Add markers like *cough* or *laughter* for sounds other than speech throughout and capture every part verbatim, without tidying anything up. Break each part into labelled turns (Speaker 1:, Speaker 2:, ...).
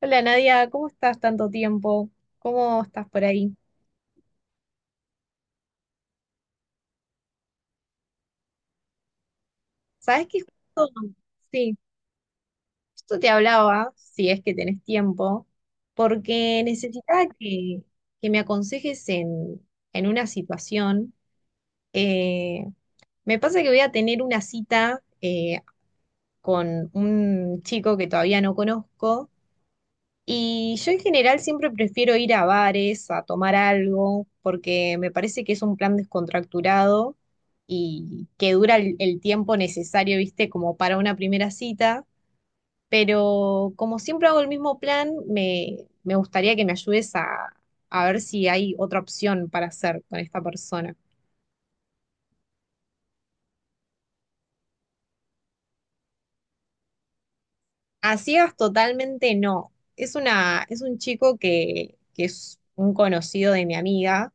Speaker 1: Hola Nadia, ¿cómo estás? Tanto tiempo. ¿Cómo estás por ahí? ¿Sabes qué? Justo- Sí, justo te hablaba, si es que tenés tiempo, porque necesitaba que, que me aconsejes en, en una situación. Eh, Me pasa que voy a tener una cita, eh, con un chico que todavía no conozco. Y yo en general siempre prefiero ir a bares, a tomar algo, porque me parece que es un plan descontracturado y que dura el, el tiempo necesario, viste, como para una primera cita. Pero como siempre hago el mismo plan, me, me gustaría que me ayudes a, a ver si hay otra opción para hacer con esta persona. A ciegas totalmente no. Es una, es un chico que, que es un conocido de mi amiga,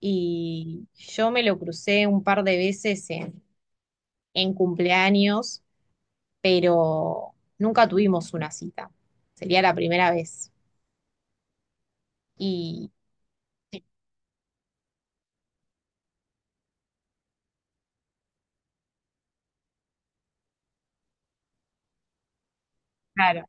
Speaker 1: y yo me lo crucé un par de veces en, en cumpleaños, pero nunca tuvimos una cita. Sería la primera vez. Y sí, claro.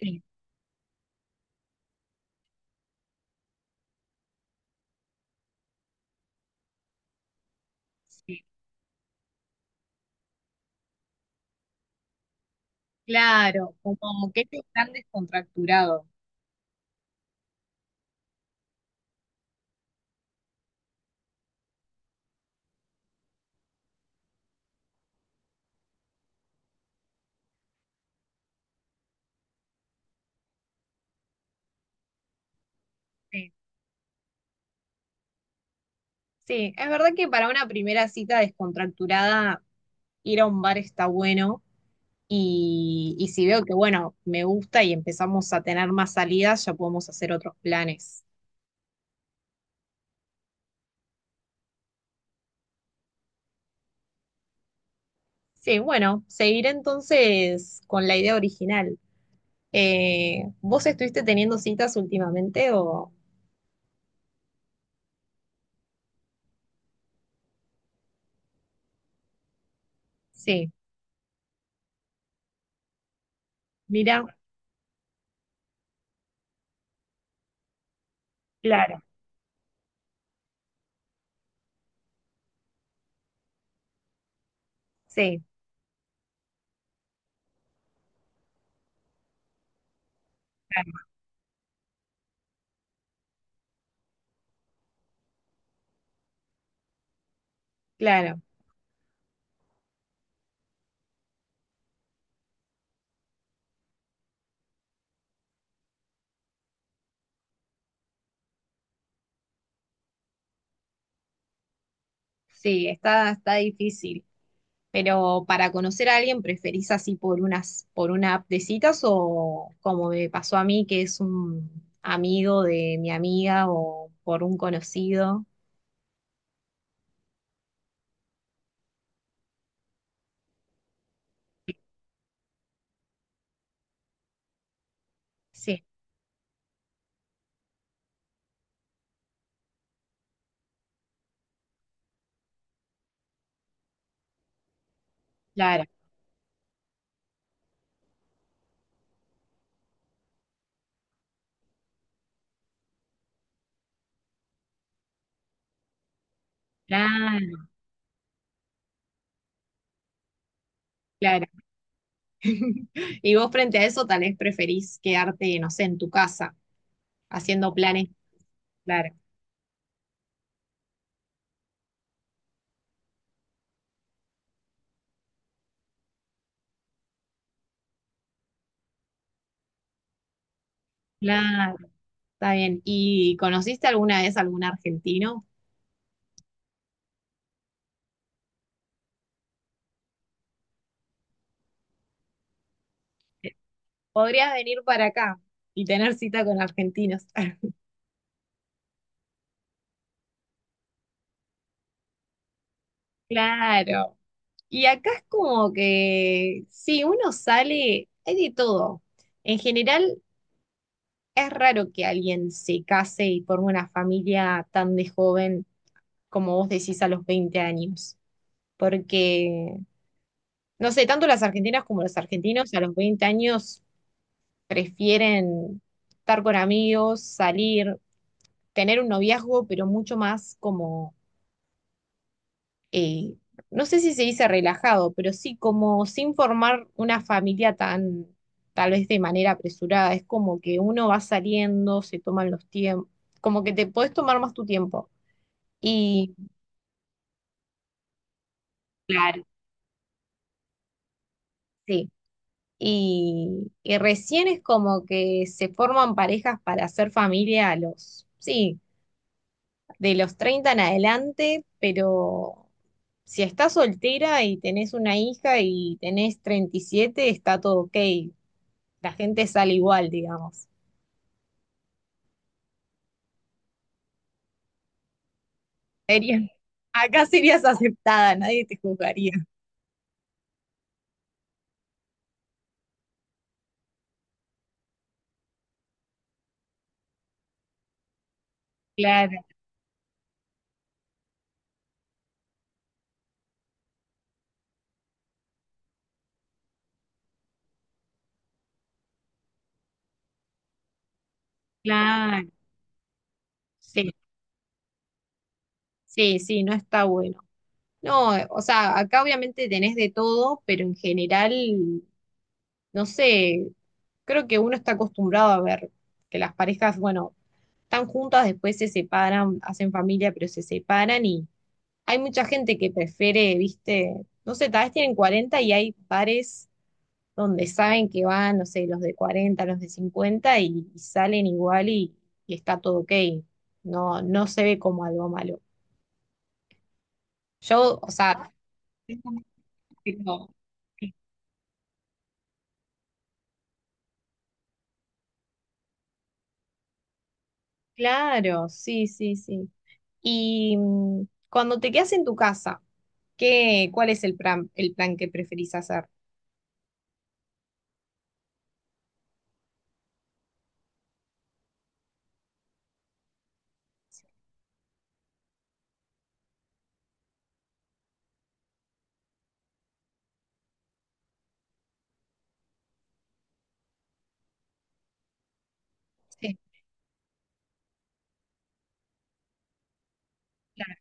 Speaker 1: Sí, sí, claro, como que es tan descontracturado. Sí. Sí, es verdad que para una primera cita descontracturada, ir a un bar está bueno. Y, y si veo que, bueno, me gusta y empezamos a tener más salidas, ya podemos hacer otros planes. Sí, bueno, seguiré entonces con la idea original. Eh, ¿vos estuviste teniendo citas últimamente o...? Sí, mira, claro, sí, claro, claro, sí, está, está difícil. Pero para conocer a alguien, ¿preferís así por unas, por una app de citas, o como me pasó a mí, que es un amigo de mi amiga o por un conocido? Sí, claro, claro, claro. Y vos frente a eso tal vez preferís quedarte, no sé, en tu casa, haciendo planes. Claro, claro, está bien. ¿Y conociste alguna vez algún argentino? Podrías venir para acá y tener cita con argentinos. *laughs* Claro. Y acá es como que, si uno sale, hay de todo. En general, es raro que alguien se case y forme una familia tan de joven como vos decís, a los veinte años. Porque, no sé, tanto las argentinas como los argentinos a los veinte años prefieren estar con amigos, salir, tener un noviazgo, pero mucho más como, eh, no sé si se dice relajado, pero sí como sin formar una familia tan, tal vez de manera apresurada. Es como que uno va saliendo, se toman los tiempos, como que te podés tomar más tu tiempo. Y claro, sí. Y, y recién es como que se forman parejas para hacer familia a los, sí, de los treinta en adelante, pero si estás soltera y tenés una hija y tenés treinta y siete, está todo ok. La gente sale igual, digamos. Sería- Acá serías aceptada, nadie te juzgaría. Claro, claro. Sí, sí, sí, no está bueno. No, eh, o sea, acá obviamente tenés de todo, pero en general, no sé, creo que uno está acostumbrado a ver que las parejas, bueno, están juntas, después se separan, hacen familia, pero se separan, y hay mucha gente que prefiere, viste, no sé, tal vez tienen cuarenta y hay pares donde saben que van, no sé, los de cuarenta, los de cincuenta, y, y salen igual y, y está todo ok. No, no se ve como algo malo. Yo, o sea, digo, claro, sí, sí, sí. Y mm, cuando te quedas en tu casa, ¿qué, cuál es el plan, el plan que preferís hacer? Sí, claro,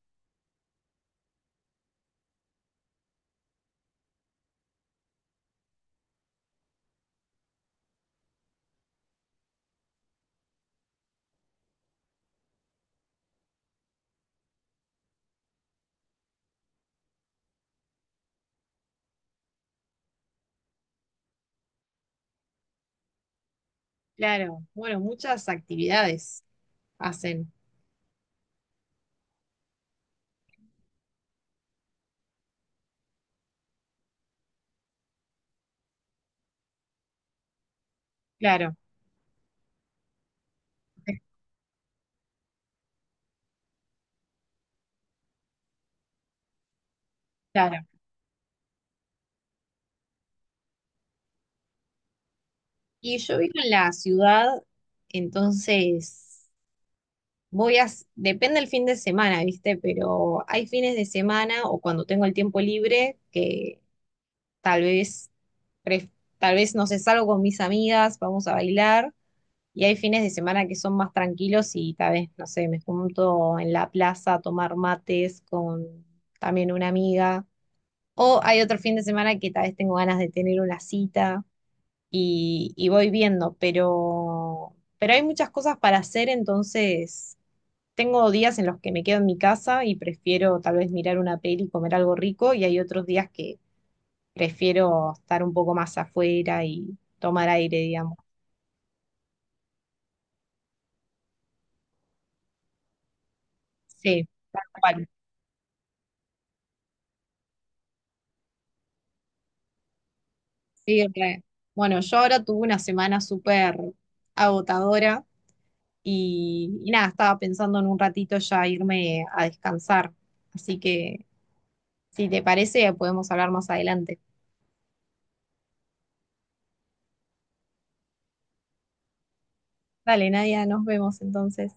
Speaker 1: claro. Bueno, muchas actividades hacen, claro, claro. Y yo vivo en la ciudad, entonces voy a, s- depende el fin de semana, ¿viste? Pero hay fines de semana, o cuando tengo el tiempo libre, que tal vez, pref- tal vez, no sé, salgo con mis amigas, vamos a bailar, y hay fines de semana que son más tranquilos y tal vez, no sé, me junto en la plaza a tomar mates con también una amiga, o hay otro fin de semana que tal vez tengo ganas de tener una cita, y, y voy viendo, pero, pero hay muchas cosas para hacer, entonces tengo días en los que me quedo en mi casa y prefiero tal vez mirar una peli y comer algo rico, y hay otros días que prefiero estar un poco más afuera y tomar aire, digamos. Sí, tal cual. Sí, re. Bueno, yo ahora tuve una semana súper agotadora, y, y nada, estaba pensando en un ratito ya irme a descansar, así que si te parece podemos hablar más adelante. Vale, Nadia, nos vemos entonces.